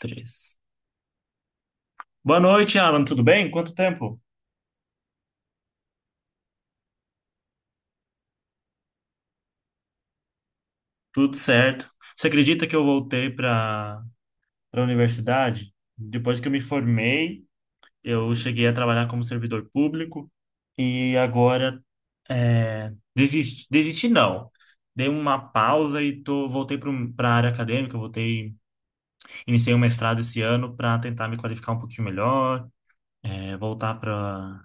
Três. Boa noite, Alan. Tudo bem? Quanto tempo? Tudo certo. Você acredita que eu voltei para a universidade? Depois que eu me formei, eu cheguei a trabalhar como servidor público e agora desisti, desisti não. Dei uma pausa e tô, voltei para a área acadêmica. Voltei, iniciei um mestrado esse ano para tentar me qualificar um pouquinho melhor, voltar para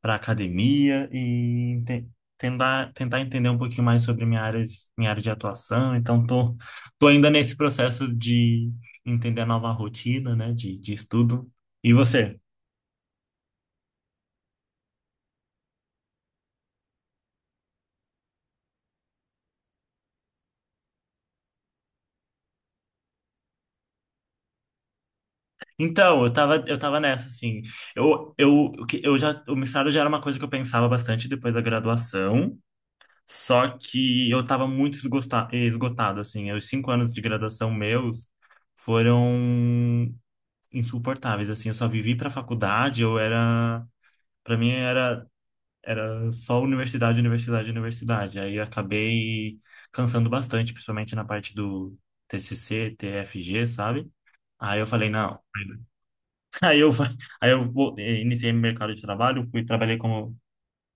para academia e ente- tentar entender um pouquinho mais sobre minha área, minha área de atuação. Então, tô ainda nesse processo de entender a nova rotina, né, de estudo. E você? Então, eu tava nessa, assim. O mestrado já era uma coisa que eu pensava bastante depois da graduação. Só que eu tava muito esgotado, assim. Os cinco anos de graduação meus foram insuportáveis, assim, eu só vivi pra faculdade, eu era, pra mim era só universidade, universidade, universidade. Aí eu acabei cansando bastante, principalmente na parte do TCC, TFG, sabe? Aí eu falei, não. Aí eu fa- iniciei meu mercado de trabalho, fui trabalhei como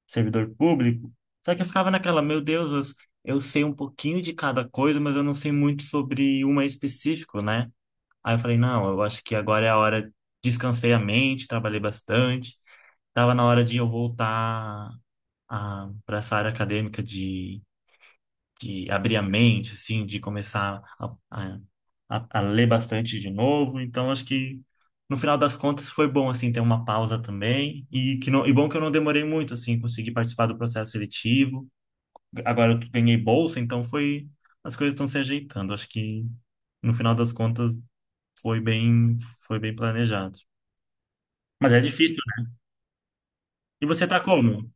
servidor público. Só que eu ficava naquela, meu Deus, eu sei um pouquinho de cada coisa, mas eu não sei muito sobre uma específica, né? Aí eu falei, não, eu acho que agora é a hora, descansei a mente, trabalhei bastante, tava na hora de eu voltar para essa área acadêmica de abrir a mente, assim, de começar a ler bastante de novo, então acho que no final das contas foi bom, assim, ter uma pausa também, e bom que eu não demorei muito, assim, consegui participar do processo seletivo, agora eu ganhei bolsa, então foi, as coisas estão se ajeitando, acho que no final das contas foi bem, foi bem planejado. Mas é difícil, né? E você tá como?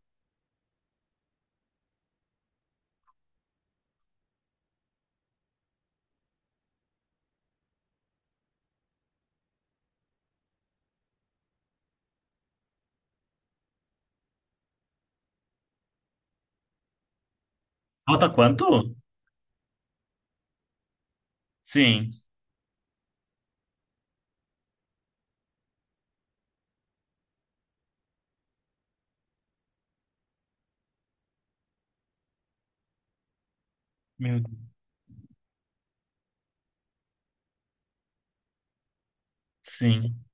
Falta quanto? Sim. Meu Deus. Sim.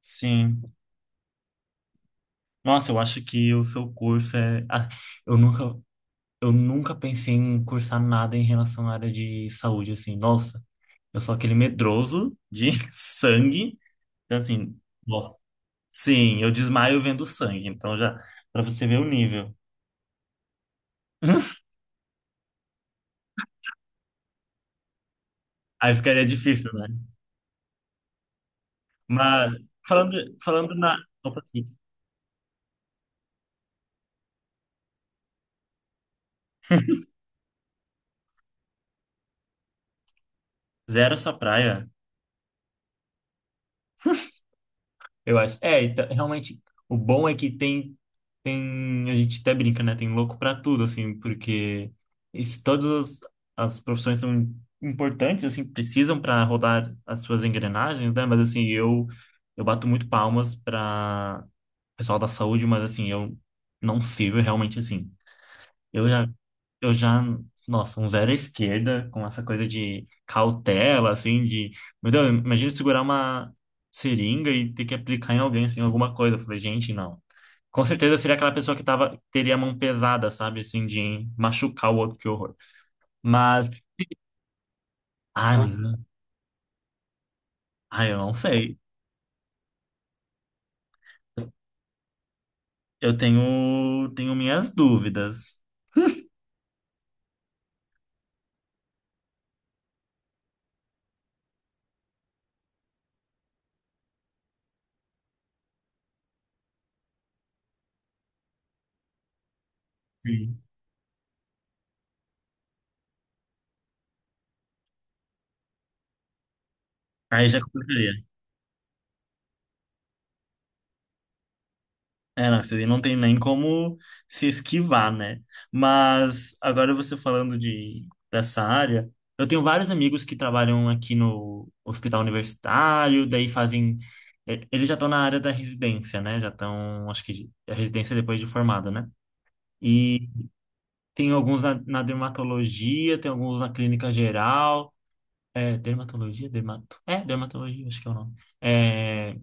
Sim. Nossa, eu acho que o seu curso é. Ah, eu nunca, eu nunca pensei em cursar nada em relação à área de saúde, assim. Nossa, eu sou aquele medroso de sangue. Então, assim, nossa. Sim, eu desmaio vendo sangue. Então, já, pra você ver o nível. Aí ficaria difícil, né? Mas, falando, falando na. Opa, zero a sua praia, eu acho. É, então, realmente, o bom é que tem, a gente até brinca, né? Tem louco pra tudo, assim, porque isso, todas as profissões são importantes, assim, precisam para rodar as suas engrenagens, né? Mas, assim, eu bato muito palmas para pessoal da saúde, mas, assim, eu não sirvo realmente, assim. Eu já, eu já, nossa, um zero à esquerda, com essa coisa de cautela, assim, de, meu Deus, imagina segurar uma seringa e ter que aplicar em alguém, assim, alguma coisa. Eu falei, gente, não. Com certeza seria aquela pessoa que tava, teria a mão pesada, sabe, assim, de machucar o outro, que horror. Mas, ai, mas, ai, eu não sei. Tenho minhas dúvidas. Sim. Aí já complicaria. É, não, isso aí não tem nem como se esquivar, né? Mas agora você falando de dessa área, eu tenho vários amigos que trabalham aqui no hospital universitário, daí fazem. Eles já estão na área da residência, né? Já estão, acho que a residência depois de formado, né? E tem alguns na dermatologia, tem alguns na clínica geral. É, dermatologia? Dermatologia, acho que é o nome. É,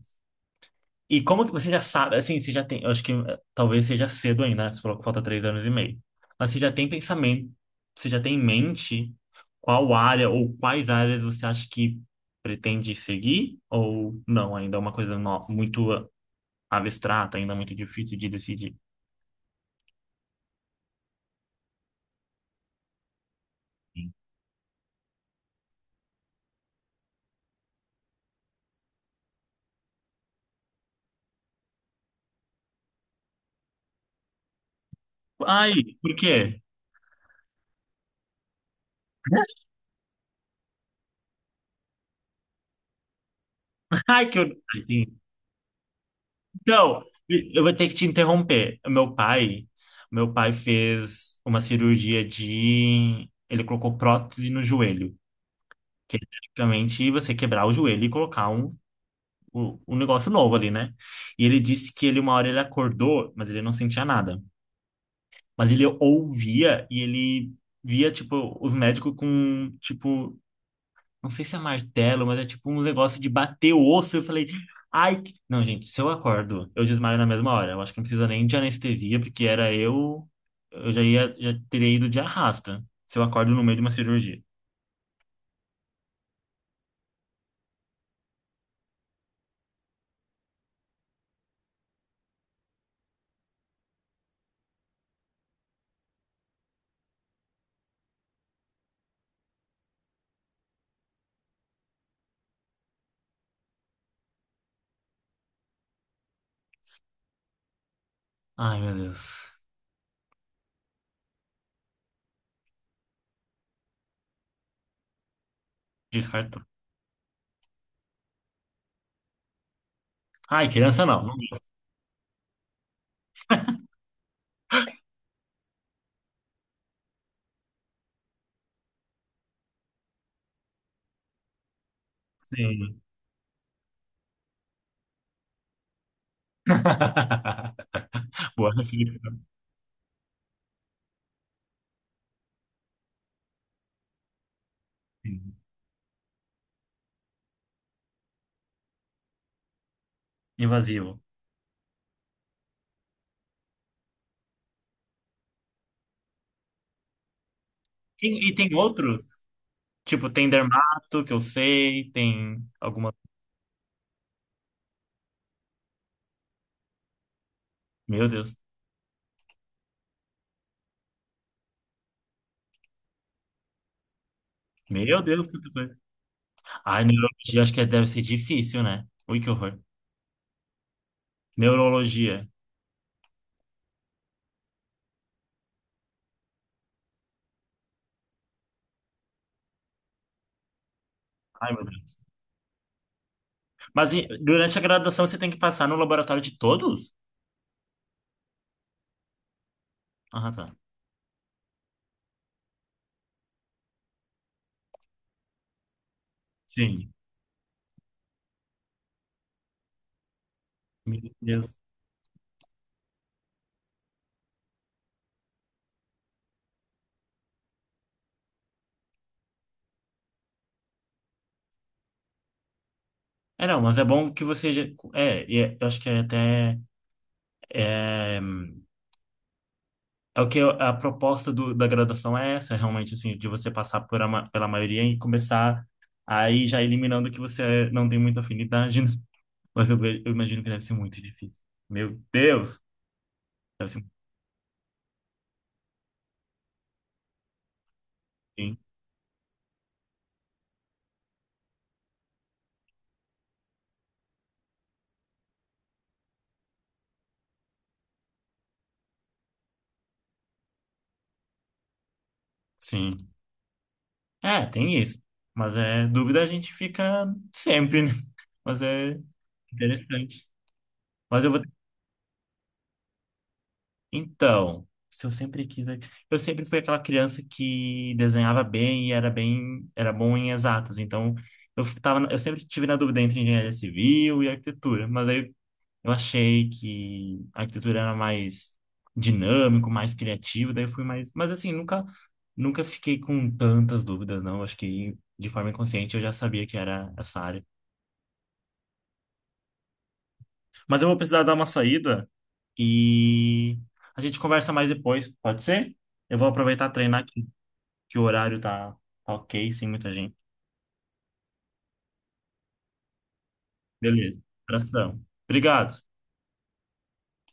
e como que você já sabe, assim, você já tem, eu acho que talvez seja cedo ainda, né? Você falou que falta três anos e meio. Mas você já tem pensamento, você já tem em mente qual área ou quais áreas você acha que pretende seguir ou não? Ainda é uma coisa muito abstrata, ainda muito difícil de decidir. Ai, por quê? Ai, que eu... Então, eu vou ter que te interromper. Meu pai fez uma cirurgia de... Ele colocou prótese no joelho. Que é praticamente você quebrar o joelho e colocar um negócio novo ali, né? E ele disse que ele uma hora ele acordou, mas ele não sentia nada. Mas ele ouvia e ele via, tipo, os médicos com, tipo, não sei se é martelo, mas é tipo um negócio de bater o osso. Eu falei, ai, não, gente, se eu acordo, eu desmaio na mesma hora. Eu acho que não precisa nem de anestesia, porque era eu já ia, já teria ido de arrasta. Se eu acordo no meio de uma cirurgia. Ai, meu Deus. Descartou. Ai, criança não. Sim. Boa reflexão. Sim. Invasivo. E tem outros? Tipo, tem dermato, que eu sei, tem alguma. Meu Deus. Meu Deus, quanta coisa. Ai, neurologia, acho que deve ser difícil, né? Ui, que horror. Neurologia. Ai, meu Deus. Mas durante a graduação você tem que passar no laboratório de todos? Ah, tá. Sim. Meu Deus. É, não, mas é bom que você. É, eu acho que é até. é, É o que a proposta da graduação é essa, realmente, assim, de você passar por pela maioria e começar aí já eliminando que você não tem muita afinidade, né? Mas eu, eu imagino que deve ser muito difícil. Meu Deus! Deve ser muito difícil. Sim. É, tem isso. Mas é dúvida a gente fica sempre, né? Mas é interessante. Mas eu vou. Então, se eu sempre quis, é, eu sempre fui aquela criança que desenhava bem e era bem, era bom em exatas. Então, eu tava, eu sempre tive na dúvida entre engenharia civil e arquitetura, mas aí eu achei que a arquitetura era mais dinâmico, mais criativo, daí eu fui mais, mas assim, nunca fiquei com tantas dúvidas, não. Acho que de forma inconsciente eu já sabia que era essa área. Mas eu vou precisar dar uma saída e a gente conversa mais depois, pode ser? Eu vou aproveitar treinar que o horário tá ok, sem muita gente. Beleza. Abração. Obrigado.